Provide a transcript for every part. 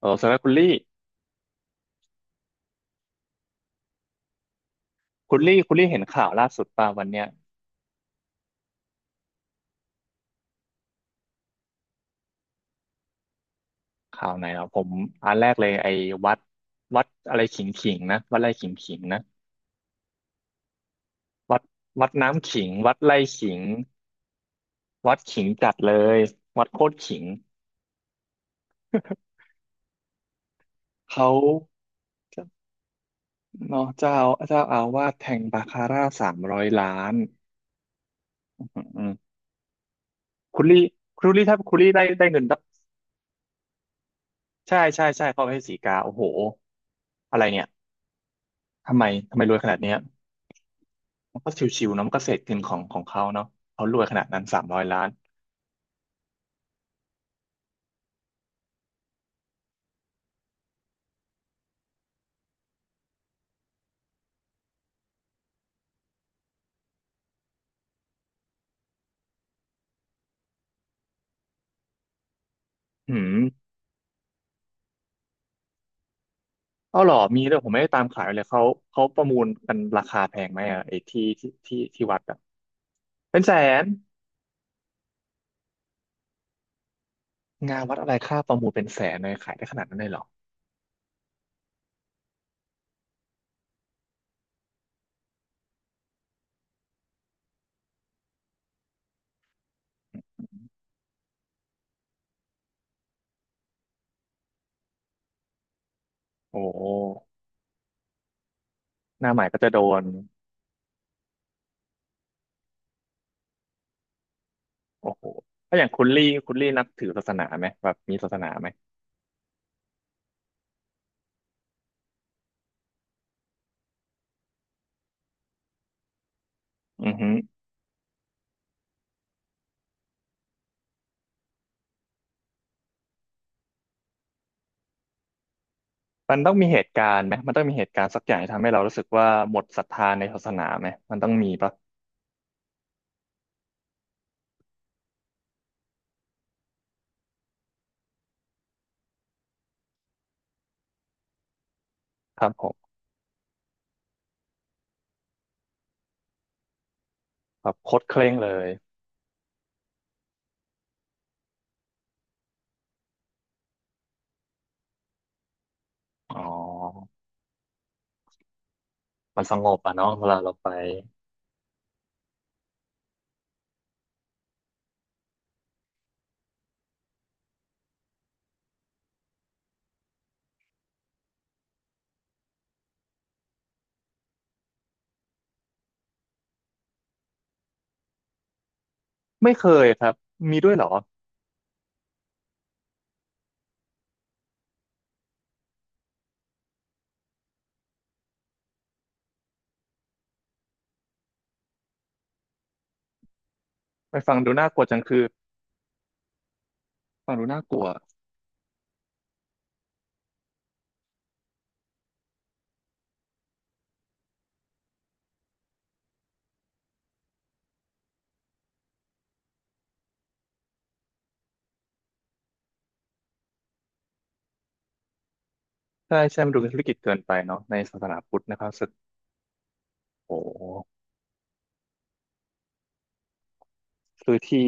เออสำหรับคุณลี่เห็นข่าวล่าสุดป่ะวันเนี้ยข่าวไหนเหรอผมอันแรกเลยไอ้วัดวัดอะไรขิงนะวัดไร่ขิงนะวัดวัดน้ำขิงวัดไร่ขิงวัดขิงจัดเลยวัดโคตรขิง เขาเนาะเจ้าอาวาสแทงบาคาร่าสามร้อยล้านอืมอืมคุณลี่คุณลี่ถ้าคุณลี่ได้เงินตั้งใช่ใช่ใช่เขาให้สีกาโอ้โหอะไรเนี่ยทำไมทำไมรวยขนาดเนี้ย มันก็ชิวๆเนาะมันก็เศษเงินของเขาเนาะเขารวยขนาดนั้นสามร้อยล้านอืมเอาเหรอมีด้วยผมไม่ได้ตามข่าวเลยเขาเขาประมูลกันราคาแพงไหมอะไอ้ที่วัดอะเป็นแสนงานวัดอะไรค่าประมูลเป็นแสนเลยขายได้ขนาดนั้นเลยเหรอโอ้โหหน้าใหม่ก็จะโดนโอ้โหถ้าอย่างคุณลี่คุณลี่นับถือศาสนาไหมแบบมีศาสนาไหมอือฮึมันต้องมีเหตุการณ์ไหมมันต้องมีเหตุการณ์สักอย่างที่ทำให้เรารู้สึกว่าหมดศรัทธาในศาสนาไหมมันต้องมีปะครับผมแบบโคตรเคร่งเลย อ๋อ มันสงบอ่ะเนาะเวลาเราไปไม่เคยครับ มีด้วยเหรอไปฟังดูน่ากลัวจังคือฟังดูน่ากลัวใช่ใช่มันดูเป็นธุรกิจเกินไปเนาะในศาสนาพุทธนะครับสึกโอ้โหคือที่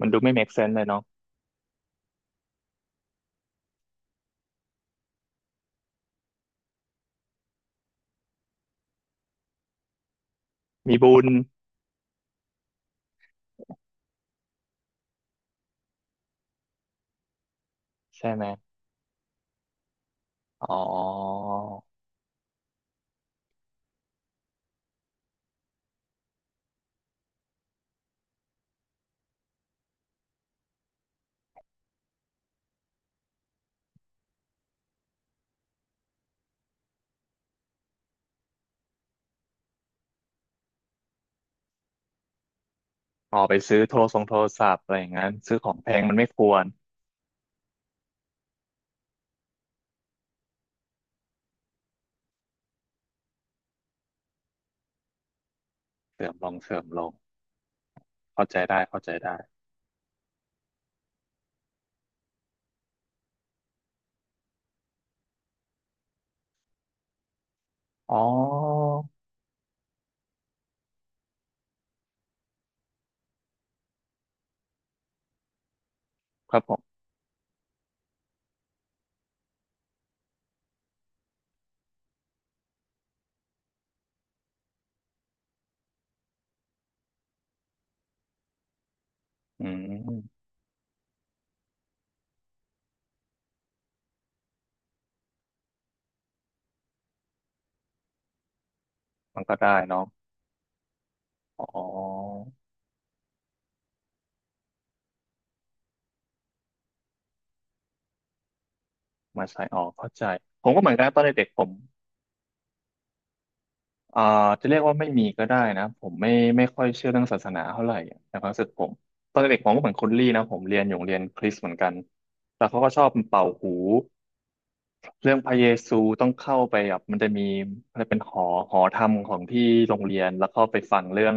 มันดูไม่ make sense เลยเนาะมีบุญใช่ไหมอ๋อออกไปซื้อโทรศัพท์อะไรอย่างนั้นซื้อของแพงมันไม่ควรเสริอมลงเข้าใจได้เข้าใจได้อ๋อครับผมอืมมันก็ได้เนาะอ๋อ มาใส่ออกเข้าใจผมก็เหมือนกันนะตอนเด็กๆผมเอ่อจะเรียกว่าไม่มีก็ได้นะผมไม่ค่อยเชื่อเรื่องศาสนาเท่าไหร่ในความรู้สึกผมตอนเด็กๆผมก็เหมือนคุณลี่นะผมเรียนอยู่โรงเรียนคริสต์เหมือนกันแล้วเขาก็ชอบเป่าหูเรื่องพระเยซูต้องเข้าไปแบบมันจะมีอะไรเป็นหอหอธรรมของที่โรงเรียนแล้วเข้าไปฟังเรื่อง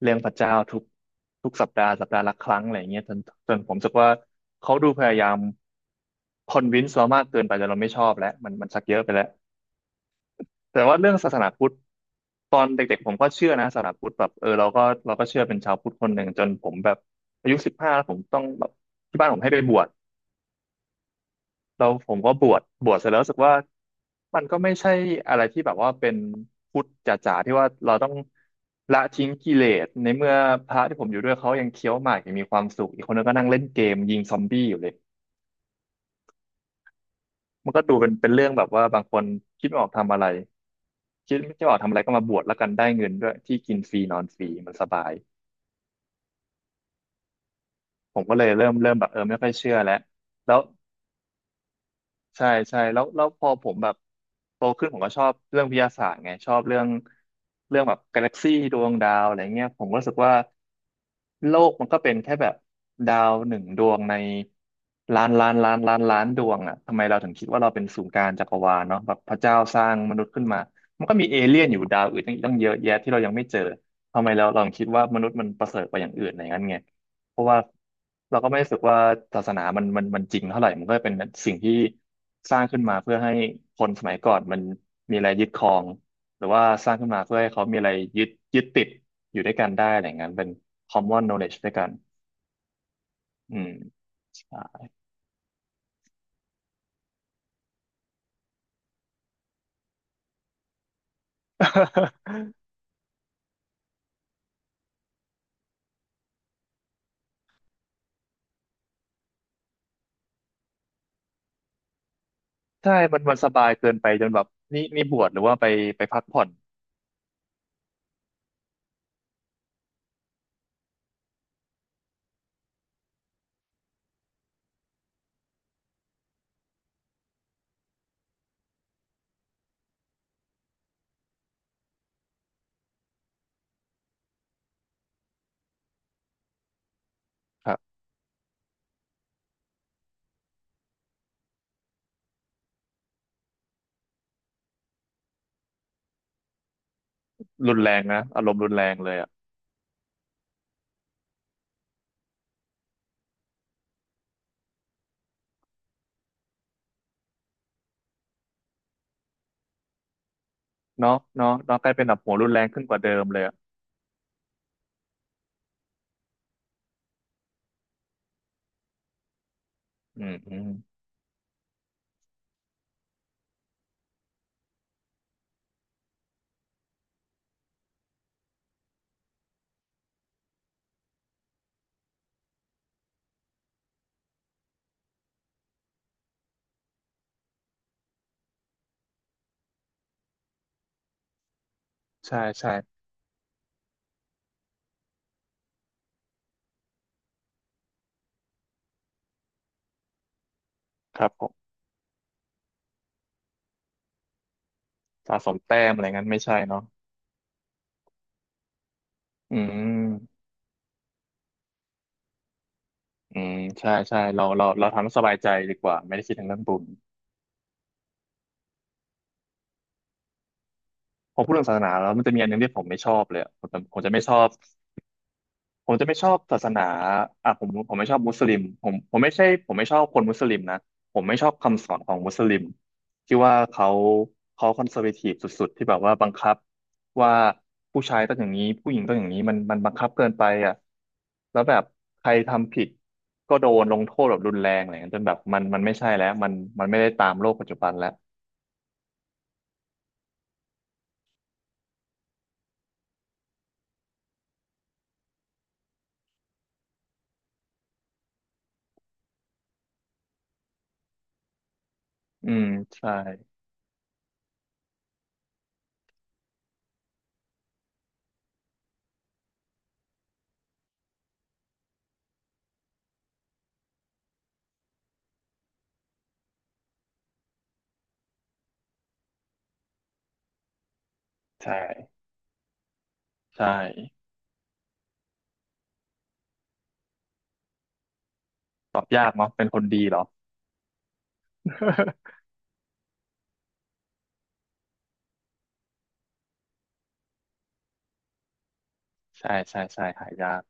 เรื่องพระเจ้าทุกสัปดาห์สัปดาห์ละครั้งอะไรอย่างเงี้ยจนผมรู้สึกว่าเขาดูพยายามคอนวินส์เรามากเกินไปจนเราไม่ชอบแล้วมันชักเยอะไปแล้ว แต่ว่าเรื่องศาสนาพุทธตอนเด็กๆผมก็เชื่อนะศาสนาพุทธแบบเออเราก็เชื่อเป็นชาวพุทธคนหนึ่งจนผมแบบอายุ15แล้วผมต้องแบบที่บ้านผมให้ไปบวชเราผมก็บวชเสร็จแล้วรู้สึกว่ามันก็ไม่ใช่อะไรที่แบบว่าเป็นพุทธจ๋าๆที่ว่าเราต้องละทิ้งกิเลสในเมื่อพระที่ผมอยู่ด้วยเขายังเคี้ยวหมากยังมีความสุขอีกคนนึงก็นั่งเล่นเกมยิงซอมบี้อยู่เลย มันก็ดูเป็นเป็นเรื่องแบบว่าบางคนคิดไม่ออกทำอะไรคิดไม่ออกทำอะไรก็มาบวชแล้วกันได้เงินด้วยที่กินฟรีนอนฟรีมันสบายผมก็เลยเริ่มแบบเออไม่ค่อยเชื่อแล้ว ใช่ใช่แล้วพอผมแบบโตขึ้นผมก็ชอบเรื่องวิทยาศาสตร์ไงชอบเรื่องแบบกาแล็กซี่ดวงดาวอะไรเงี้ยผมก็รู้สึกว่าโลกมันก็เป็นแค่แบบดาวหนึ่งดวงในล้านล้านล้านล้านล้านดวงอ่ะทำไมเราถึงคิดว่าเราเป็นศูนย์กลางจักรวาลเนาะแบบพระเจ้าสร้างมนุษย์ขึ้นมามันก็มีเอเลี่ยนอยู่ดาวอื่นตั้งเยอะแยะที่เรายังไม่เจอทำไมเราถึงคิดว่ามนุษย์มันประเสริฐกว่าอย่างอื่นอะไรอย่างนั้นไง เพราะว่าเราก็ไม่รู้สึกว่าศาสนามันจริงเท่าไหร่มันก็เป็นสิ่งที่สร้างขึ้นมาเพื่อให้คนสมัยก่อนมันมีอะไรยึดครองหรือว่าสร้างขึ้นมาเพื่อให้เขามีอะไรยึดยึดติดอยู่ด้วยกันได้อะไรอย่างนั้นเป็น common knowledge ด้วยกันอืมใช่ ใช่มันมันสบายเกินไปจนแบบนี่บวชหรือว่าไปพักผ่อนครับรุนแรงนะอารมณ์รุนแรงเลยอะเนาะเนาะเนาะกลายเป็นแบบหัวรุนแรงขึ้นกว่าเดิมเลยอะอืมอืมใช่ใช่ครับผม สะสมแต้มอะไรงั้นไม่ใช่เนาะอืมอืม ใช่ใช่เราทำให้สบายใจดีกว่าไม่ได้คิดถึงเรื่องบุญพอพูดเรื่องศาสนาแล้วมันจะมีอันหนึงที่ผมไม่ชอบเลยอะผมจะไม่ชอบ ผมจะไม่ชอบศาสนาอ่ะผมไม่ชอบมุสลิมผมไม่ใช่ผมไม่ชอบคนมุสลิมนะผมไม่ชอบคำสอนของมุสลิมที่ว่าเขาคอนเซอร์เวทีฟสุดๆที่แบบว่าบังคับว่าผู้ชายต้องอย่างนี้ผู้หญิงต้องอย่างนี้มันบังคับเกินไปอ่ะแล้วแบบใครทำผิดก็โดนลงโทษแบบรุนแรงอะไรอย่างเงี้ยจนแบบมันไม่ใช่แล้วมันไม่ได้ตามโลกปัจจุบันแล้วอืมใช่ใช่ใช่ตอบยากเนาะเป็นคนดีเหรอ ใช่ใช่ใช่หายาก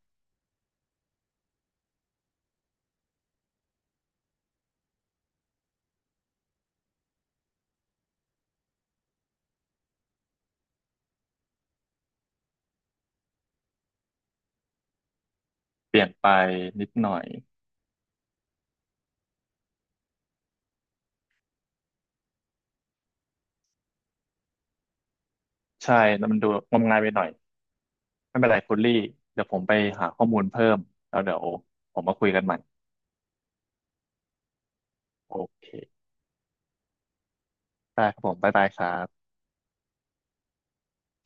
เปลี่ยนไปนิดหน่อยใช่แล้วมันดูงมงายไปหน่อยไม่เป็นไรคุณลี่เดี๋ยวผมไปหาข้อมูลเพิ่มแล้วเดี๋ยวผมมาคุยกันใหม่โอเคได้ครับผมบ๊ายบายครับ